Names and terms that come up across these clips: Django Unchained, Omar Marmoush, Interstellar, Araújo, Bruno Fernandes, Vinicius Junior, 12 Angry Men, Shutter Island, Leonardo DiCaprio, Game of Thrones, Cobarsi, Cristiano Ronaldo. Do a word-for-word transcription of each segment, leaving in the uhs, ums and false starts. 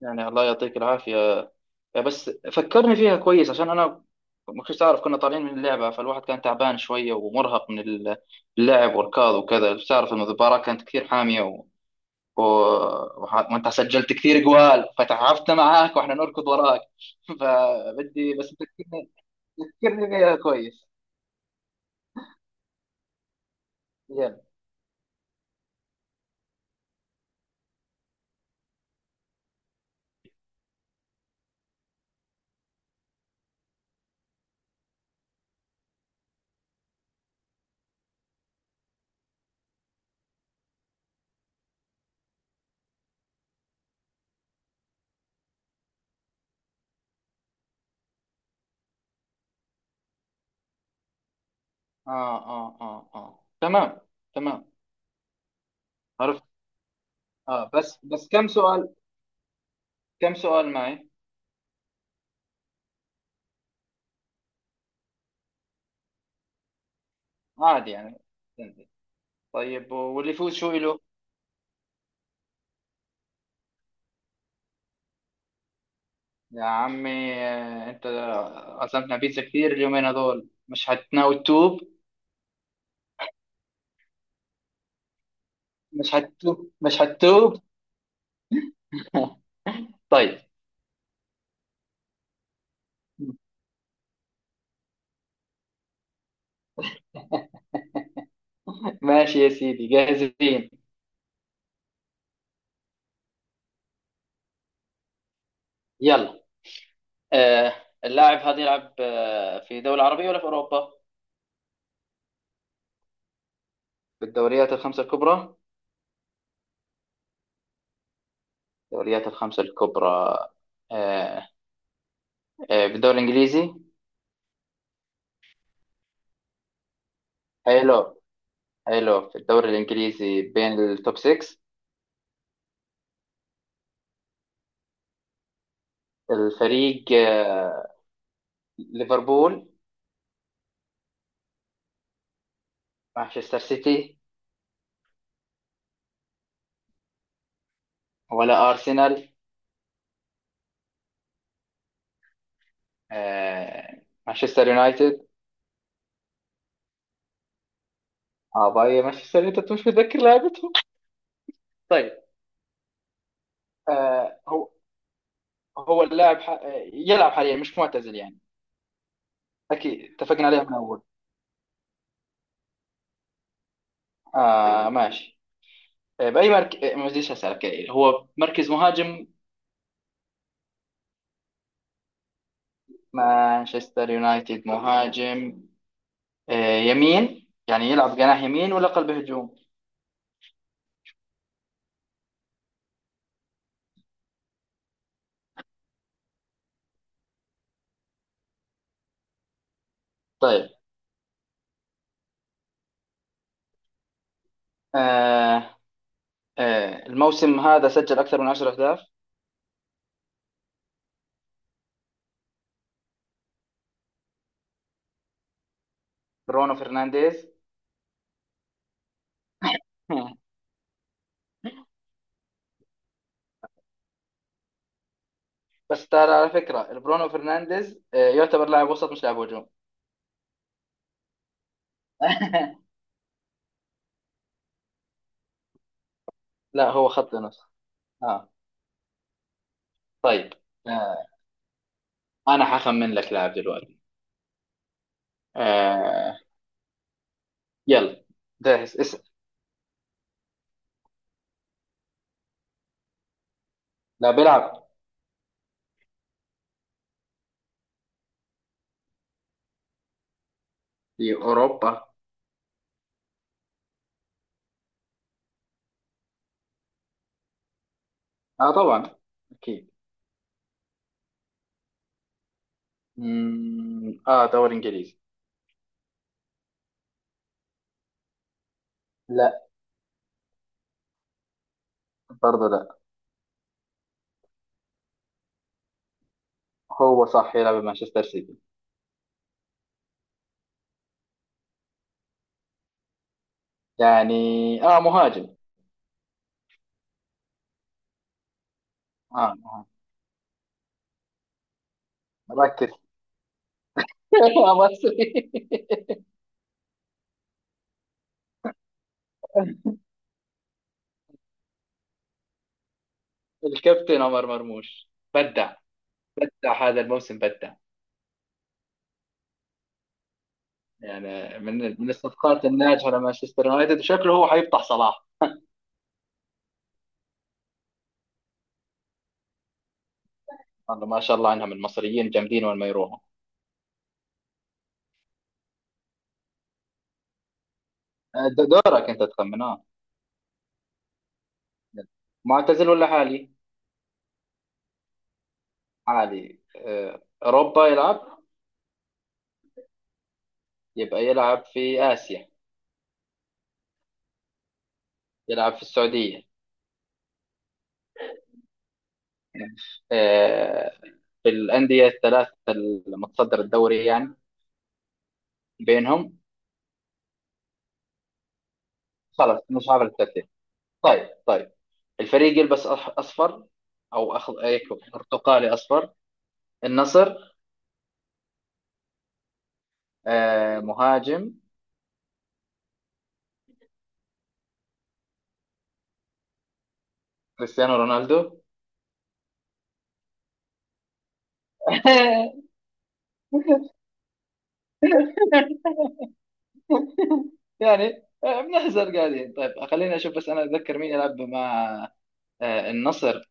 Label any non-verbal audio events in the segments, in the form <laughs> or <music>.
يعني الله يعطيك العافية. بس فكرني فيها كويس عشان أنا ما كنتش أعرف كنا طالعين من اللعبة، فالواحد كان تعبان شوية ومرهق من ال- اللعب والركض وكذا. تعرف إن المباراة كانت كثير حامية، و... و... وح- وأنت سجلت كثير جوال فتعبنا معاك وإحنا نركض وراك. <laughs> فبدي بس تذكرني تذكرني فيها كويس. يلا. آه آه آه آه، تمام تمام. عرفت. آه بس بس كم سؤال كم سؤال معي؟ عادي يعني. طيب، واللي يفوز شو إله؟ يا عمي، آه، أنت عزمنا بيتزا كتير اليومين هذول، مش هتناوي تتوب؟ مش هتتوب، مش هتتوب. <laughs> طيب، ماشي يا سيدي، جاهزين. يلا. آه اللاعب هذا يلعب آه في دولة عربية ولا في أوروبا؟ في الدوريات الخمسة الكبرى. الدوريات الخمسة الكبرى آه آه في الدوري الإنجليزي. حلو. حلو، في الدوري الإنجليزي بين التوب ستة. الفريق آه ليفربول؟ مانشستر سيتي، ولا ارسنال، آه مانشستر يونايتد. اه، باي مانشستر يونايتد، مش متذكر لعبتهم. طيب. آه هو هو اللاعب ح... آه، يلعب حاليا، مش معتزل يعني؟ اكيد اتفقنا عليها من اول. آه، ماشي. آه باي مركز ما بديش اسالك، آه، هو مركز مهاجم. مانشستر يونايتد مهاجم. آه يمين يعني، يلعب جناح يمين ولا قلب هجوم؟ طيب. آه آه الموسم هذا سجل اكثر من عشرة اهداف؟ برونو فرنانديز. <laughs> بس ترى، على فكرة برونو فرنانديز آه، يعتبر لاعب وسط مش لاعب هجوم. <laughs> لا، هو خط نص. اه. طيب. آه. انا حخمن لك لاعب دلوقتي. آه. يلا. جاهز؟ اسأل. لا، بيلعب في اوروبا. اه طبعا، اكيد. مم، اه دوري انجليزي. لا. برضه لا. هو صح، يلعب بمانشستر سيتي. يعني اه مهاجم. اه مهاجم. ركز. <laughs> مصري. الكابتن عمر مرموش. بدع، بدع هذا الموسم، بدع. يعني من من الصفقات الناجحه لمانشستر يونايتد، وشكله هو حيفتح صلاح. والله ما شاء الله عنهم، المصريين جامدين وين ما يروحوا. آه، د- دورك انت تخمن، اه. معتزل ولا حالي؟ حالي. آه، اوروبا يلعب. يبقى يلعب في اسيا. يلعب في السعوديه. آه، في الانديه الثلاث المتصدر الدوري يعني. بينهم. خلاص، مش عارف الترتيب. طيب. طيب، الفريق يلبس أح- اصفر، او أخ... أيكو، برتقالي اصفر. النصر. آه مهاجم. كريستيانو رونالدو. <laughs> يعني آه، بنحزر قاعدين. طيب، خليني اشوف بس انا اتذكر مين يلعب مع آه، النصر.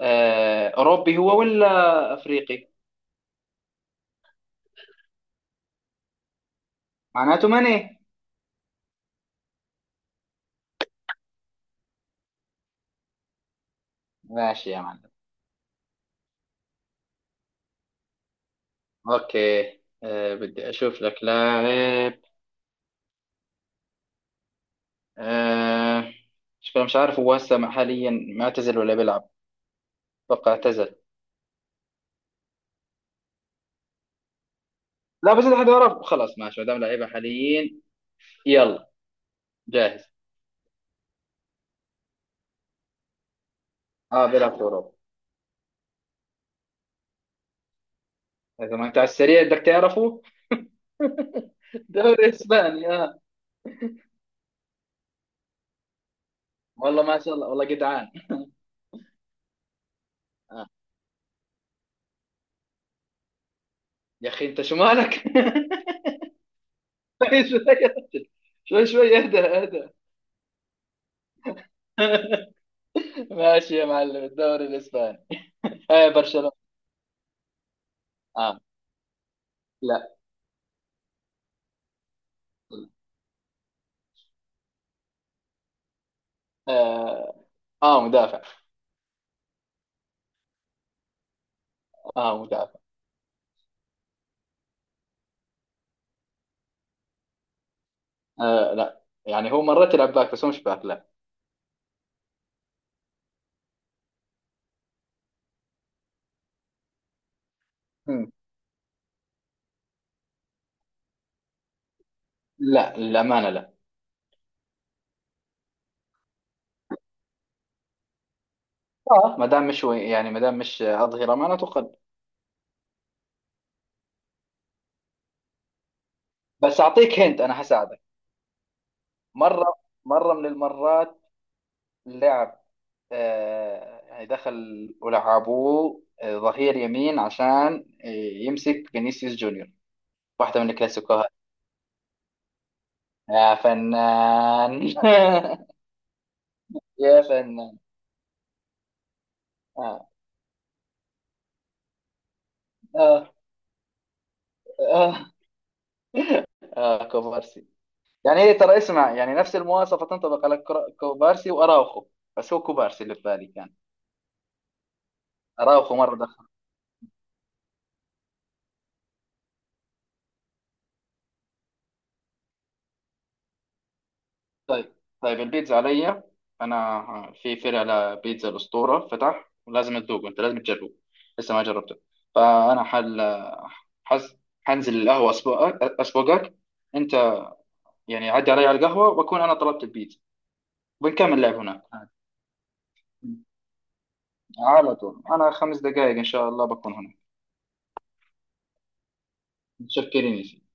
آه، اوروبي هو ولا افريقي؟ معناته ماني. ماشي يا معلم. اوكي. آه، بدي اشوف لك لاعب. آه، مش مش عارف هو هسه مع- حاليا معتزل ولا بيلعب. اتوقع اعتزل. لا بس اذا حدا عرف خلاص، ماشي، ما دام لعيبه حاليين. يلا، جاهز. اه بيلعب في اوروبا. اذا ما انت على السريع بدك تعرفه. دوري اسباني، اه. والله ما شاء الله، والله جدعان. آه. يا اخي انت شو مالك؟ <laughs> شوي شوي، شوي شوي، اهدى اهدى. <laughs> ماشي يا معلم، الدوري الاسباني. اي برشلونة. اه. لا. اه، آه مدافع. اه مدافع. آه لا يعني هو مرات يلعب باك، بس هو مش باك، لا. مم. لا للامانه، لا. اه، ما دام مش وي- يعني ما دام مش اظهره، معناته قلب. بس اعطيك هنت انا حساعدك. مره، مره من المرات، لعب آه، يعني دخل ولعبوه آه، ظهير يمين عشان آه، يمسك فينيسيوس جونيور، واحدة من الكلاسيكوهات. يا فنان. <laughs> يا فنان. آه. آه. آه. آه. كوبارسي. يعني هي ترى، اسمع، يعني نفس المواصفة تنطبق على كرا- كوبارسي وأراوخو، بس هو كوبارسي اللي في بالي كان. أراوخو مرة. طيب. طيب، البيتزا عليا. انا ه- في فرع لبيتزا الاسطوره فتح، ولازم تدوقه، انت لازم تجربه، لسه ما جربته. فانا حل حز... حنزل القهوه اسبوعك، اسبوعك انت، يعني عدي علي على القهوه، واكون انا طلبت البيتزا، بنكمل لعب هناك عادي. على طول انا خمس دقائق ان شاء الله بكون هناك. متشكرين يا سيدي.